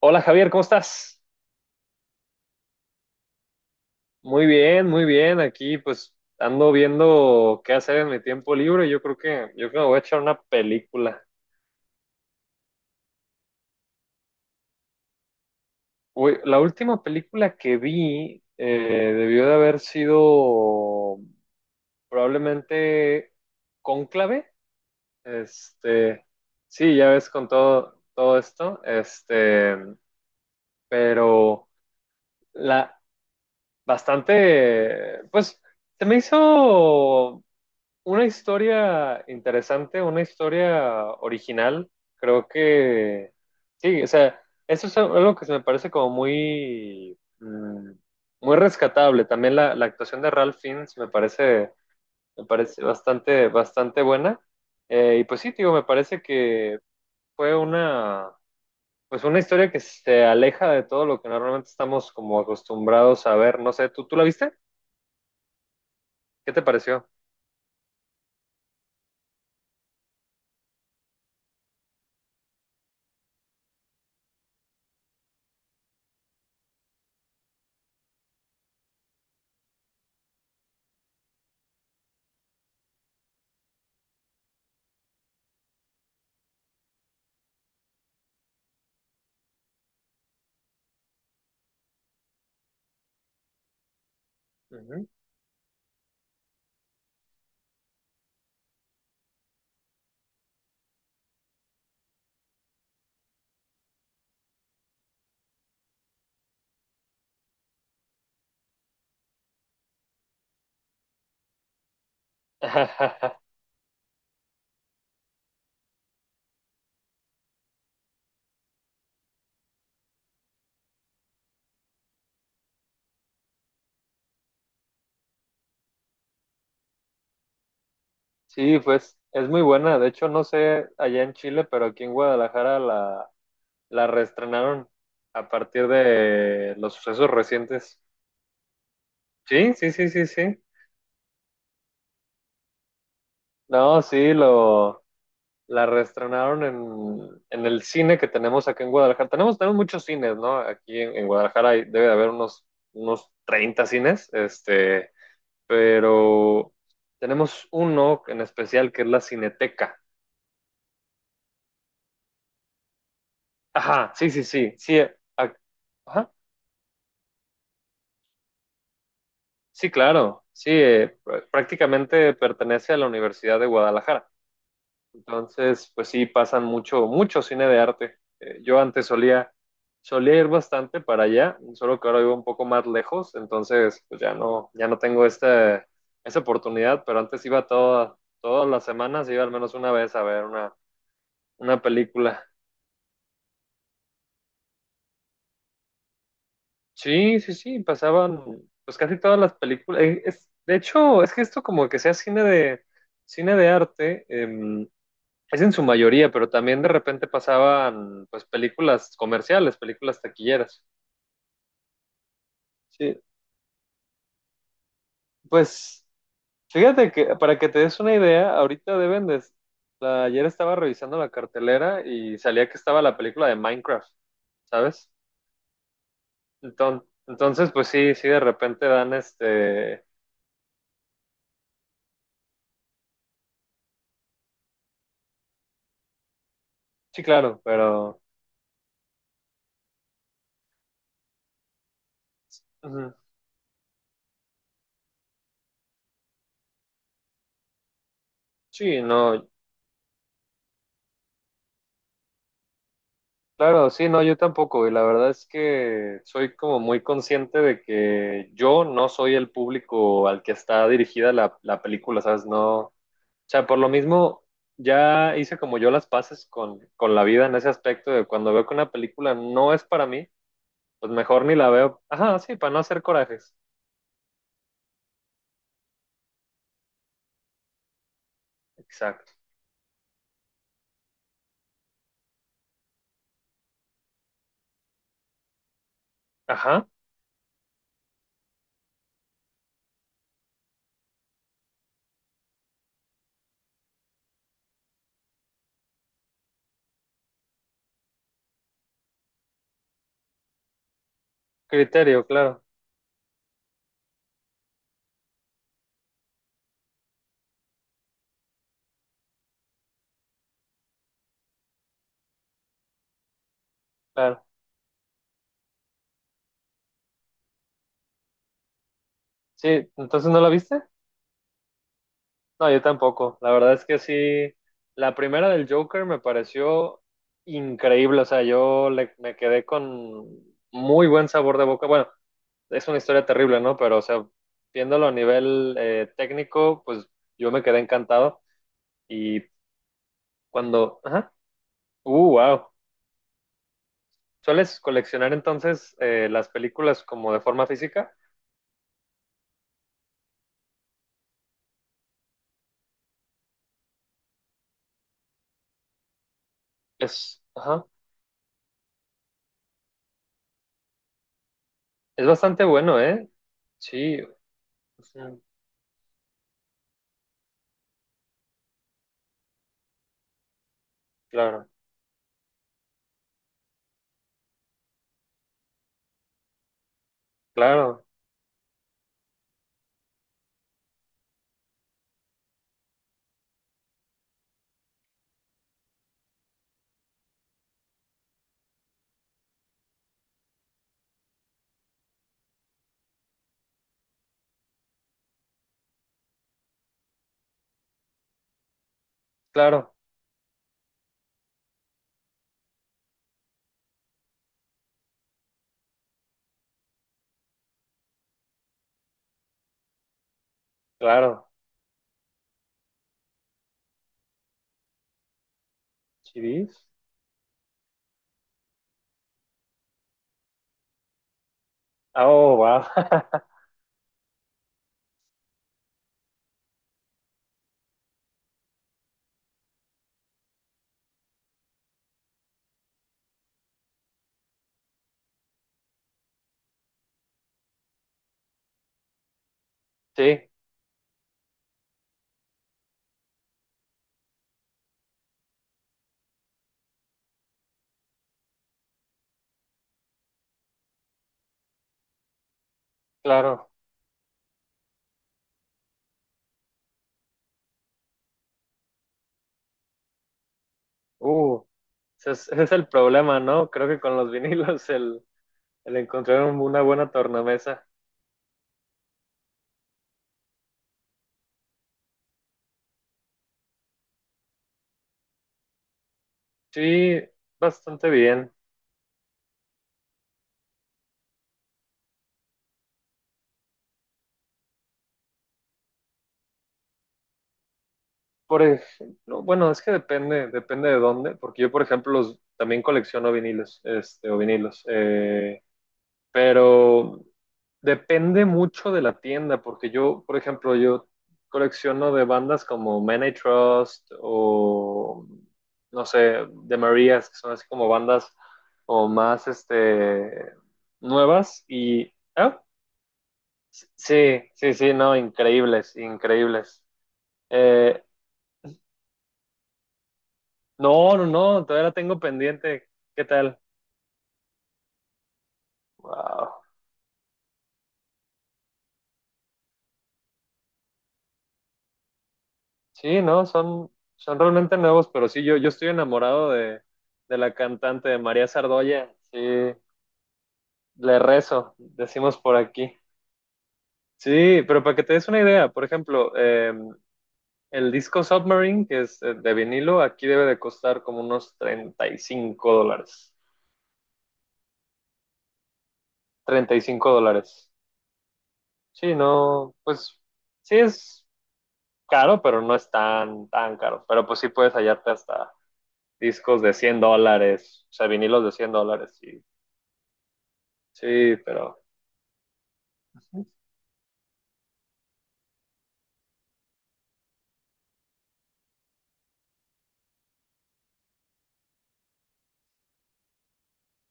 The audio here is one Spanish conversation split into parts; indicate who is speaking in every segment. Speaker 1: Hola Javier, ¿cómo estás? Muy bien, muy bien. Aquí pues ando viendo qué hacer en mi tiempo libre. Yo creo que me voy a echar una película. Uy, la última película que vi debió de haber sido probablemente Cónclave. Este, sí, ya ves con todo esto. Este, pero la bastante, pues se me hizo una historia interesante, una historia original, creo que sí. O sea, eso es algo que se me parece como muy, muy rescatable. También la actuación de Ralph Fiennes me parece bastante, bastante buena. Y pues sí, digo, me parece que fue una, pues una historia que se aleja de todo lo que normalmente estamos como acostumbrados a ver. No sé, ¿tú la viste? ¿Qué te pareció? Ujú. Sí, pues es muy buena. De hecho, no sé allá en Chile, pero aquí en Guadalajara la, la reestrenaron a partir de los sucesos recientes. Sí, sí, sí, sí, sí. No, sí, lo, la reestrenaron en el cine que tenemos aquí en Guadalajara. Tenemos, tenemos muchos cines, ¿no? Aquí en Guadalajara hay- debe de haber unos, unos 30 cines, este, pero tenemos uno en especial que es la Cineteca. Ajá, sí, sí, sí, sí. ac- Ajá. Sí, claro, sí, pr- prácticamente pertenece a la Universidad de Guadalajara. Entonces, pues sí, pasan mucho, mucho cine de arte. Yo antes solía, solía ir bastante para allá, solo que ahora vivo un poco más lejos, entonces pues ya no, ya no tengo esta, esa oportunidad, pero antes iba toda, todas las semanas, iba al menos una vez a ver una película. Sí, sí, sí, pasaban pues casi todas las películas. Es- de hecho, es que esto como que sea cine de arte. Es en su mayoría, pero también de repente pasaban pues películas comerciales, películas taquilleras. Sí, pues fíjate que para que te des una idea, ahorita deben de... la- ayer estaba revisando la cartelera y salía que estaba la película de Minecraft, ¿sabes? Enton- Entonces, pues sí, sí, de repente dan este... Sí, claro, pero... ujú. Sí, no, claro, sí, no, yo tampoco, y la verdad es que soy como muy consciente de que yo no soy el público al que está dirigida la película, ¿sabes? No, o sea, por lo mismo, ya hice como yo las paces con la vida en ese aspecto de cuando veo que una película no es para mí, pues mejor ni la veo. Ajá, sí, para no hacer corajes. Exacto. Ajá, criterio, claro, claro. Sí, entonces ¿no la viste? No, yo tampoco. La verdad es que sí, la primera del Joker me pareció increíble. O sea, yo le- me quedé con muy buen sabor de boca. Bueno, es una historia terrible, ¿no? Pero, o sea, viéndolo a nivel técnico, pues yo me quedé encantado. Y cuando... Ajá. Wow. ¿Sueles coleccionar entonces las películas como de forma física? Es... Ajá. Es bastante bueno, ¿eh? Sí. Ujú. Claro, claro, claro, claro. Chivis. Oh, wow. Sí, claro. Uh, ese es el problema, ¿no? Creo que con los vinilos el encontrar un- una buena tornamesa. Sí, bastante bien. Por ejemplo, bueno, es que depende, depende de dónde, porque yo, por ejemplo, los, también colecciono vinilos, este, o vinilos. Pero depende mucho de la tienda, porque yo, por ejemplo, yo colecciono de bandas como Man I Trust o, no sé, The Marías, que son así como bandas o más, este, nuevas y... ah, sí, sí, sí, no, increíbles, increíbles. Eh, no, no, no, todavía la tengo pendiente. ¿Qué tal? Wow. Sí, no, son, son realmente nuevos, pero sí, yo estoy enamorado de la cantante María Sardoya. Sí, le rezo, decimos por aquí. Sí, pero para que te des una idea, por ejemplo, el disco Submarine, que es de vinilo, aquí debe de costar como unos $35. 35 dólares. Sí, no, pues sí es caro, pero no es tan, tan caro. Pero pues sí puedes hallarte hasta discos de $100, o sea, vinilos de $100 y sí, pero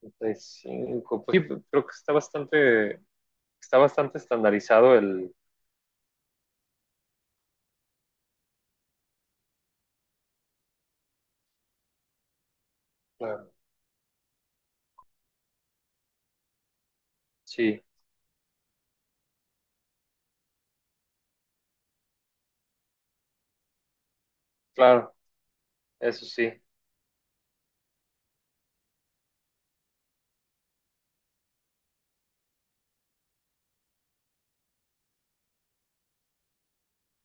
Speaker 1: 65, pues, sí, creo que está bastante estandarizado el... Claro. Sí, claro, eso sí.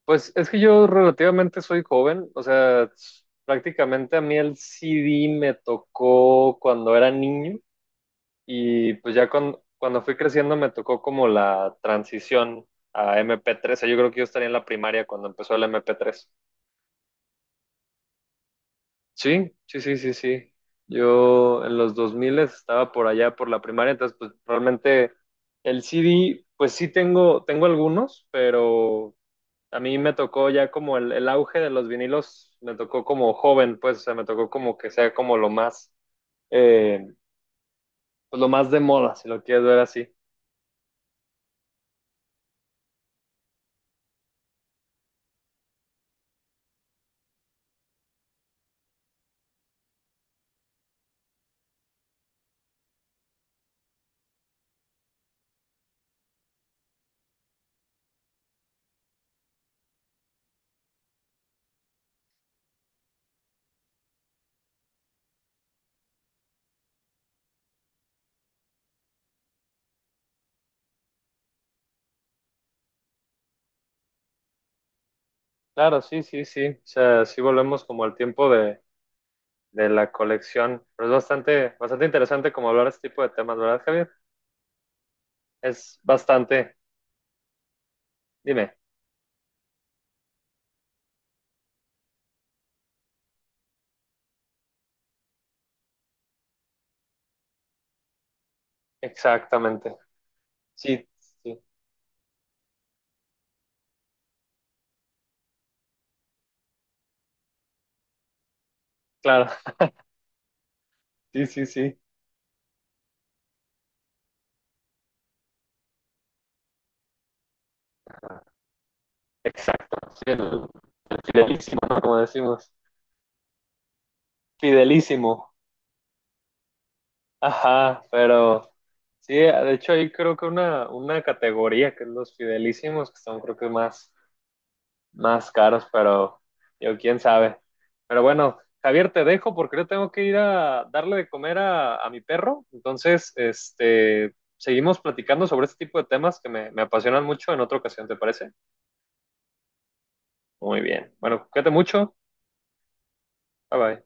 Speaker 1: Pues es que yo relativamente soy joven, o sea, prácticamente a mí el CD me tocó cuando era niño y pues ya cuando, cuando fui creciendo me tocó como la transición a MP3, o sea, yo creo que yo estaría en la primaria cuando empezó el MP3. Sí, sí, sí, sí, sí. Yo en los 2000 estaba por allá por la primaria, entonces pues realmente el CD, pues sí tengo, tengo algunos, pero a mí me tocó ya como el auge de los vinilos, me tocó como joven, pues, o sea, me tocó como que sea como lo más, eh, pues lo más de moda, si lo quieres ver así. Claro, sí, sí, sí, o sea, sí volvemos como al tiempo de la colección, pero es bastante, bastante interesante como hablar este tipo de temas, ¿verdad, Javier? Es bastante, dime. Exactamente. Sí, sí, claro. Sí, sí, sí. Exacto. Sí, el fidelísimo, ¿no? Como decimos. Fidelísimo. Ajá, pero sí, de hecho hay creo que una categoría que es los fidelísimos, que son creo que más, más caros, pero yo quién sabe. Pero bueno, Javier, te dejo porque yo tengo que ir a darle de comer a mi perro. Entonces, este, seguimos platicando sobre este tipo de temas que me apasionan mucho en otra ocasión, ¿te parece? Muy bien. Bueno, cuídate mucho. Bye bye.